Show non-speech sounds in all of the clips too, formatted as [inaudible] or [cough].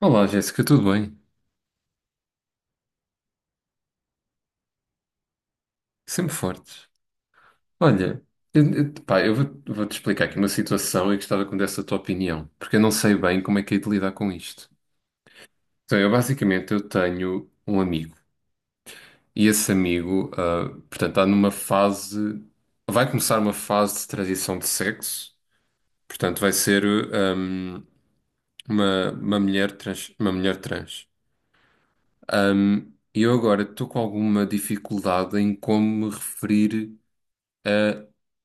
Olá, Jéssica, tudo bem? Sempre fortes. Olha, eu vou-te explicar aqui uma situação e gostava que me desse a tua opinião, porque eu não sei bem como é que hei de lidar com isto. Então, eu basicamente eu tenho um amigo e esse amigo, portanto, está numa fase, vai começar uma fase de transição de sexo, portanto, vai ser ahm, uma mulher trans, uma mulher trans. E eu agora estou com alguma dificuldade em como me referir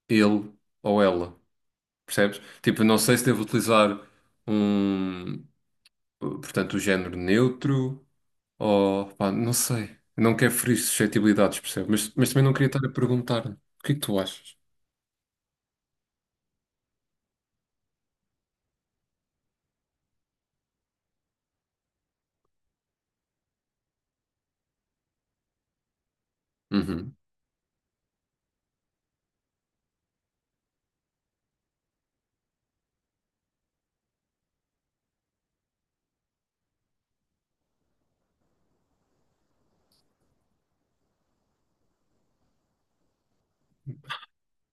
ele ou ela, percebes? Tipo, não sei se devo utilizar um, portanto, o género neutro ou, pá, não sei. Não quero ferir suscetibilidades, percebes? Mas também não queria estar a perguntar, né? O que é que tu achas? Uhum.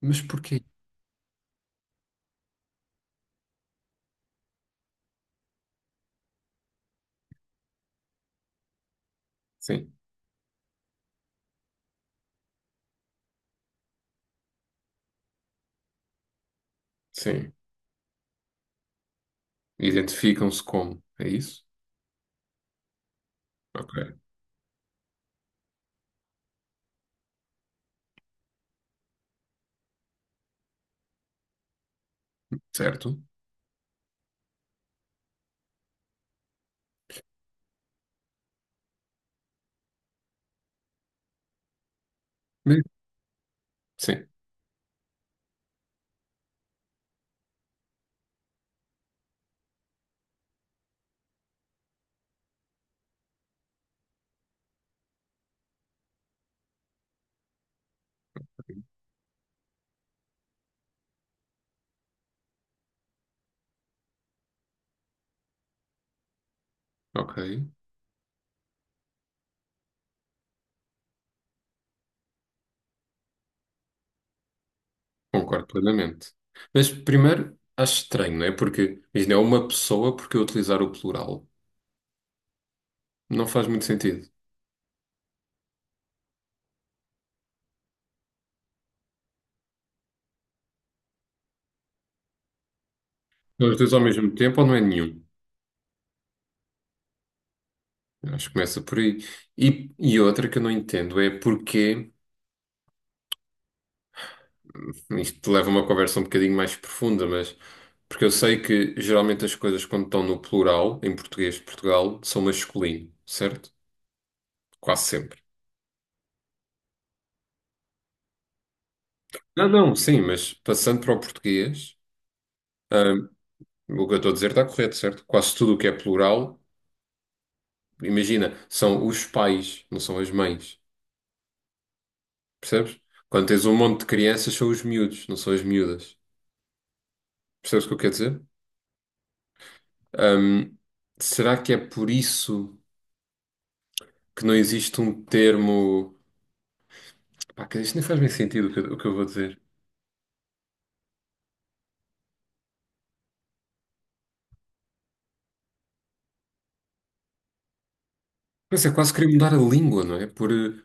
Mas porquê? Sim, sim. Identificam-se como, é isso? Ok, certo. Mas- sim, ok. Concordo plenamente. Mas primeiro, acho estranho, não é? Porque, imagina, é uma pessoa porque eu utilizar o plural. Não faz muito sentido. Os dois ao mesmo tempo ou não é nenhum? Acho que começa por aí. E outra que eu não entendo é porque, isto leva a uma conversa um bocadinho mais profunda, mas porque eu sei que geralmente as coisas quando estão no plural, em português de Portugal, são masculino, certo? Quase sempre. Não, não, sim, mas passando para o português, hum, o que eu estou a dizer está correto, certo? Quase tudo o que é plural, imagina, são os pais, não são as mães, percebes? Quando tens um monte de crianças, são os miúdos, não são as miúdas. Percebes o que eu quero dizer? Ahm, Será que é por isso que não existe um termo. Pá, que isto nem faz bem sentido o que eu vou dizer. Mas é quase querer mudar a língua, não é?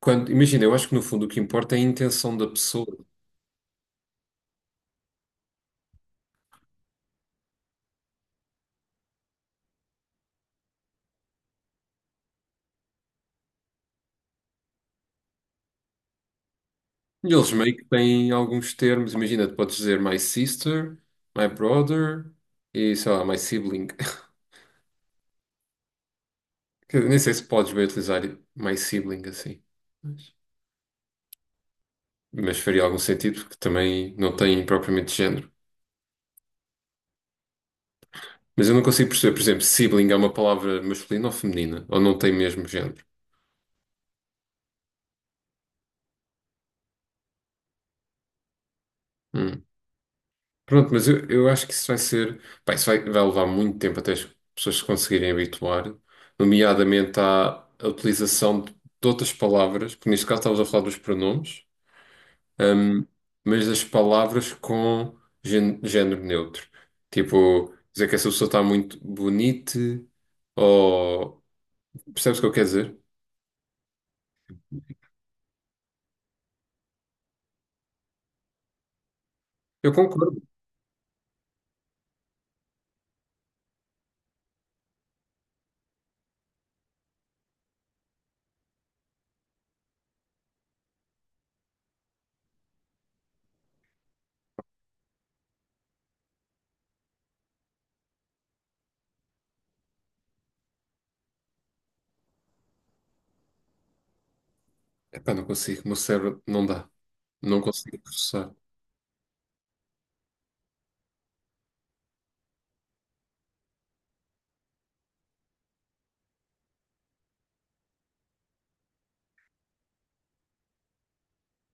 Quando... Imagina, eu acho que no fundo o que importa é a intenção da pessoa. E eles meio que têm alguns termos. Imagina, tu podes dizer my sister, my brother e sei lá, my sibling. [laughs] Que eu nem sei se podes bem utilizar my sibling assim. Mas, mas faria algum sentido porque também não tem propriamente género. Mas eu não consigo perceber, por exemplo, sibling é uma palavra masculina ou feminina, ou não tem mesmo género. Hum. Pronto, mas eu acho que isso vai ser. Pá, isso vai levar muito tempo até as pessoas se conseguirem habituar, nomeadamente à, à utilização de outras palavras, porque neste caso estávamos a falar dos pronomes, hum, mas das palavras com género neutro. Tipo, dizer que essa pessoa está muito bonita, ou. Percebes o que eu quero dizer? Eu concordo. Epá, não consigo, o meu cérebro não dá. Não consigo processar.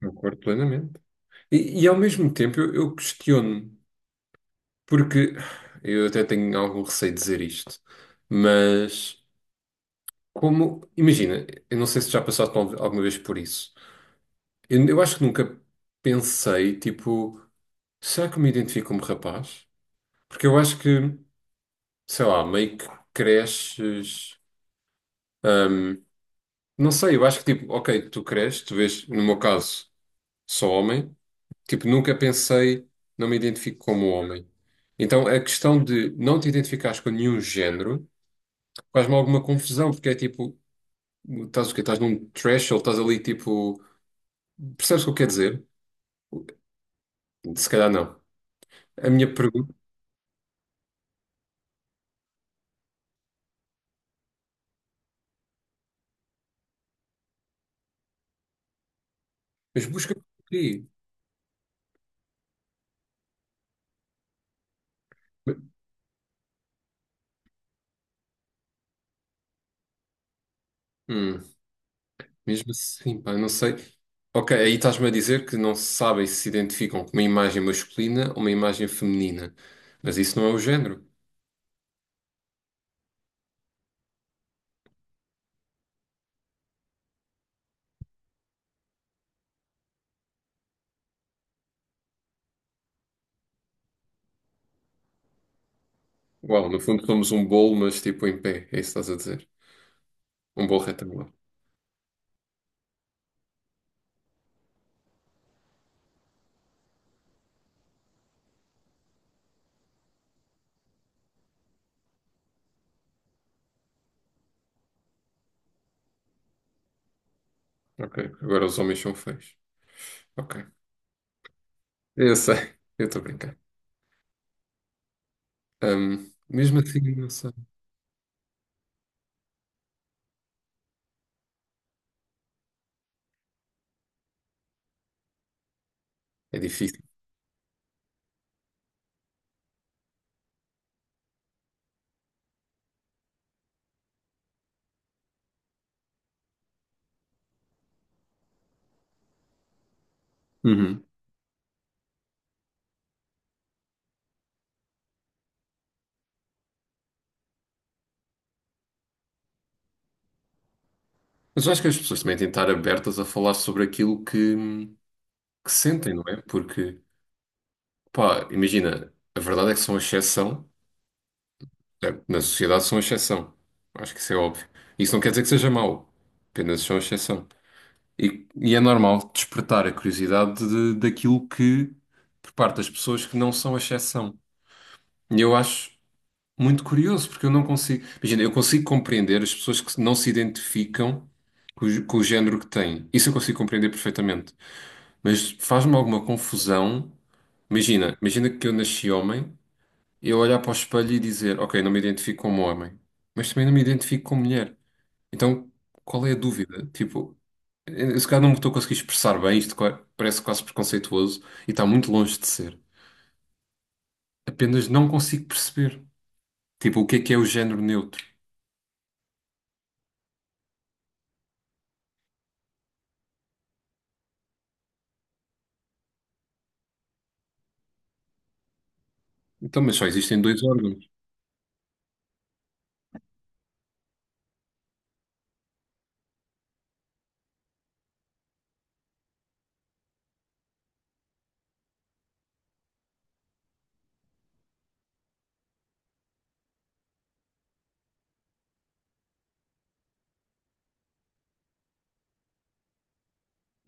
Concordo plenamente. E ao mesmo tempo eu questiono-me, porque eu até tenho algum receio de dizer isto, mas como, imagina, eu não sei se já passaste alguma vez por isso. Eu acho que nunca pensei, tipo, será que eu me identifico como rapaz? Porque eu acho que, sei lá, meio que cresces. hum, não sei, eu acho que tipo, ok, tu cresces, tu vês, no meu caso, sou homem. Tipo, nunca pensei, não me identifico como homem. Então, a questão de não te identificares com nenhum género faz-me alguma confusão, porque é tipo, estás o quê? Estás num threshold, estás ali tipo. Percebes o que eu quero dizer? Se calhar não. A minha pergunta. Mas busca por quê? Hum, mesmo assim, pá, não sei. Ok, aí estás-me a dizer que não sabem se se identificam com uma imagem masculina ou uma imagem feminina. Mas isso não é o género. Uau, no fundo somos um bolo, mas tipo em pé. É isso que estás a dizer? Um bolo retangular. Ok. Agora os homens são feios. Ok. Eu sei. Eu estou a brincar. Mesmo assim, não sei. É difícil. Uhum. Mas eu acho que as pessoas também têm de estar abertas a falar sobre aquilo que sentem, não é? Porque, pá, imagina, a verdade é que são exceção. É, na sociedade são exceção. Acho que isso é óbvio. Isso não quer dizer que seja mau. Apenas são exceção. E é normal despertar a curiosidade daquilo que, por parte das pessoas que não são exceção. E eu acho. Muito curioso, porque eu não consigo. Imagina, eu consigo compreender as pessoas que não se identificam com o, com o género que têm. Isso eu consigo compreender perfeitamente. Mas faz-me alguma confusão. Imagina, imagina que eu nasci homem, eu olhar para o espelho e dizer, ok, não me identifico como homem, mas também não me identifico como mulher. Então, qual é a dúvida? Tipo, eu, se calhar não me estou a conseguir expressar bem, isto parece quase preconceituoso e está muito longe de ser. Apenas não consigo perceber. Tipo, o que é o género neutro? Então, mas só existem dois órgãos.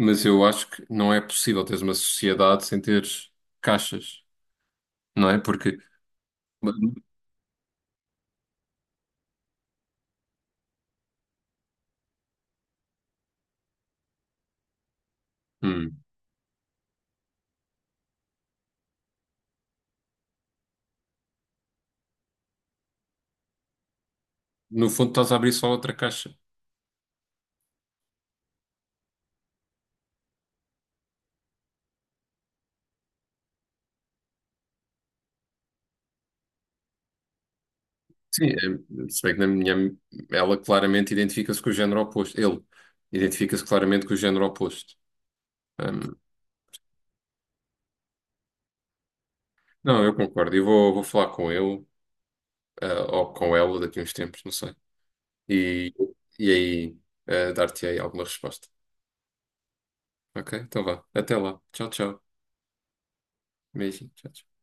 Mas eu acho que não é possível teres uma sociedade sem teres caixas, não é? Porque, hum, no fundo, estás a abrir só outra caixa. Sim, é, se bem que na minha, ela claramente identifica-se com o género oposto. Ele identifica-se claramente com o género oposto. Hum, não, eu concordo. Eu vou falar com ele, ou com ela daqui a uns tempos, não sei. E, e aí, dar-te aí alguma resposta. Ok? Então vá. Até lá. Tchau, tchau. Beijinho. Tchau, tchau.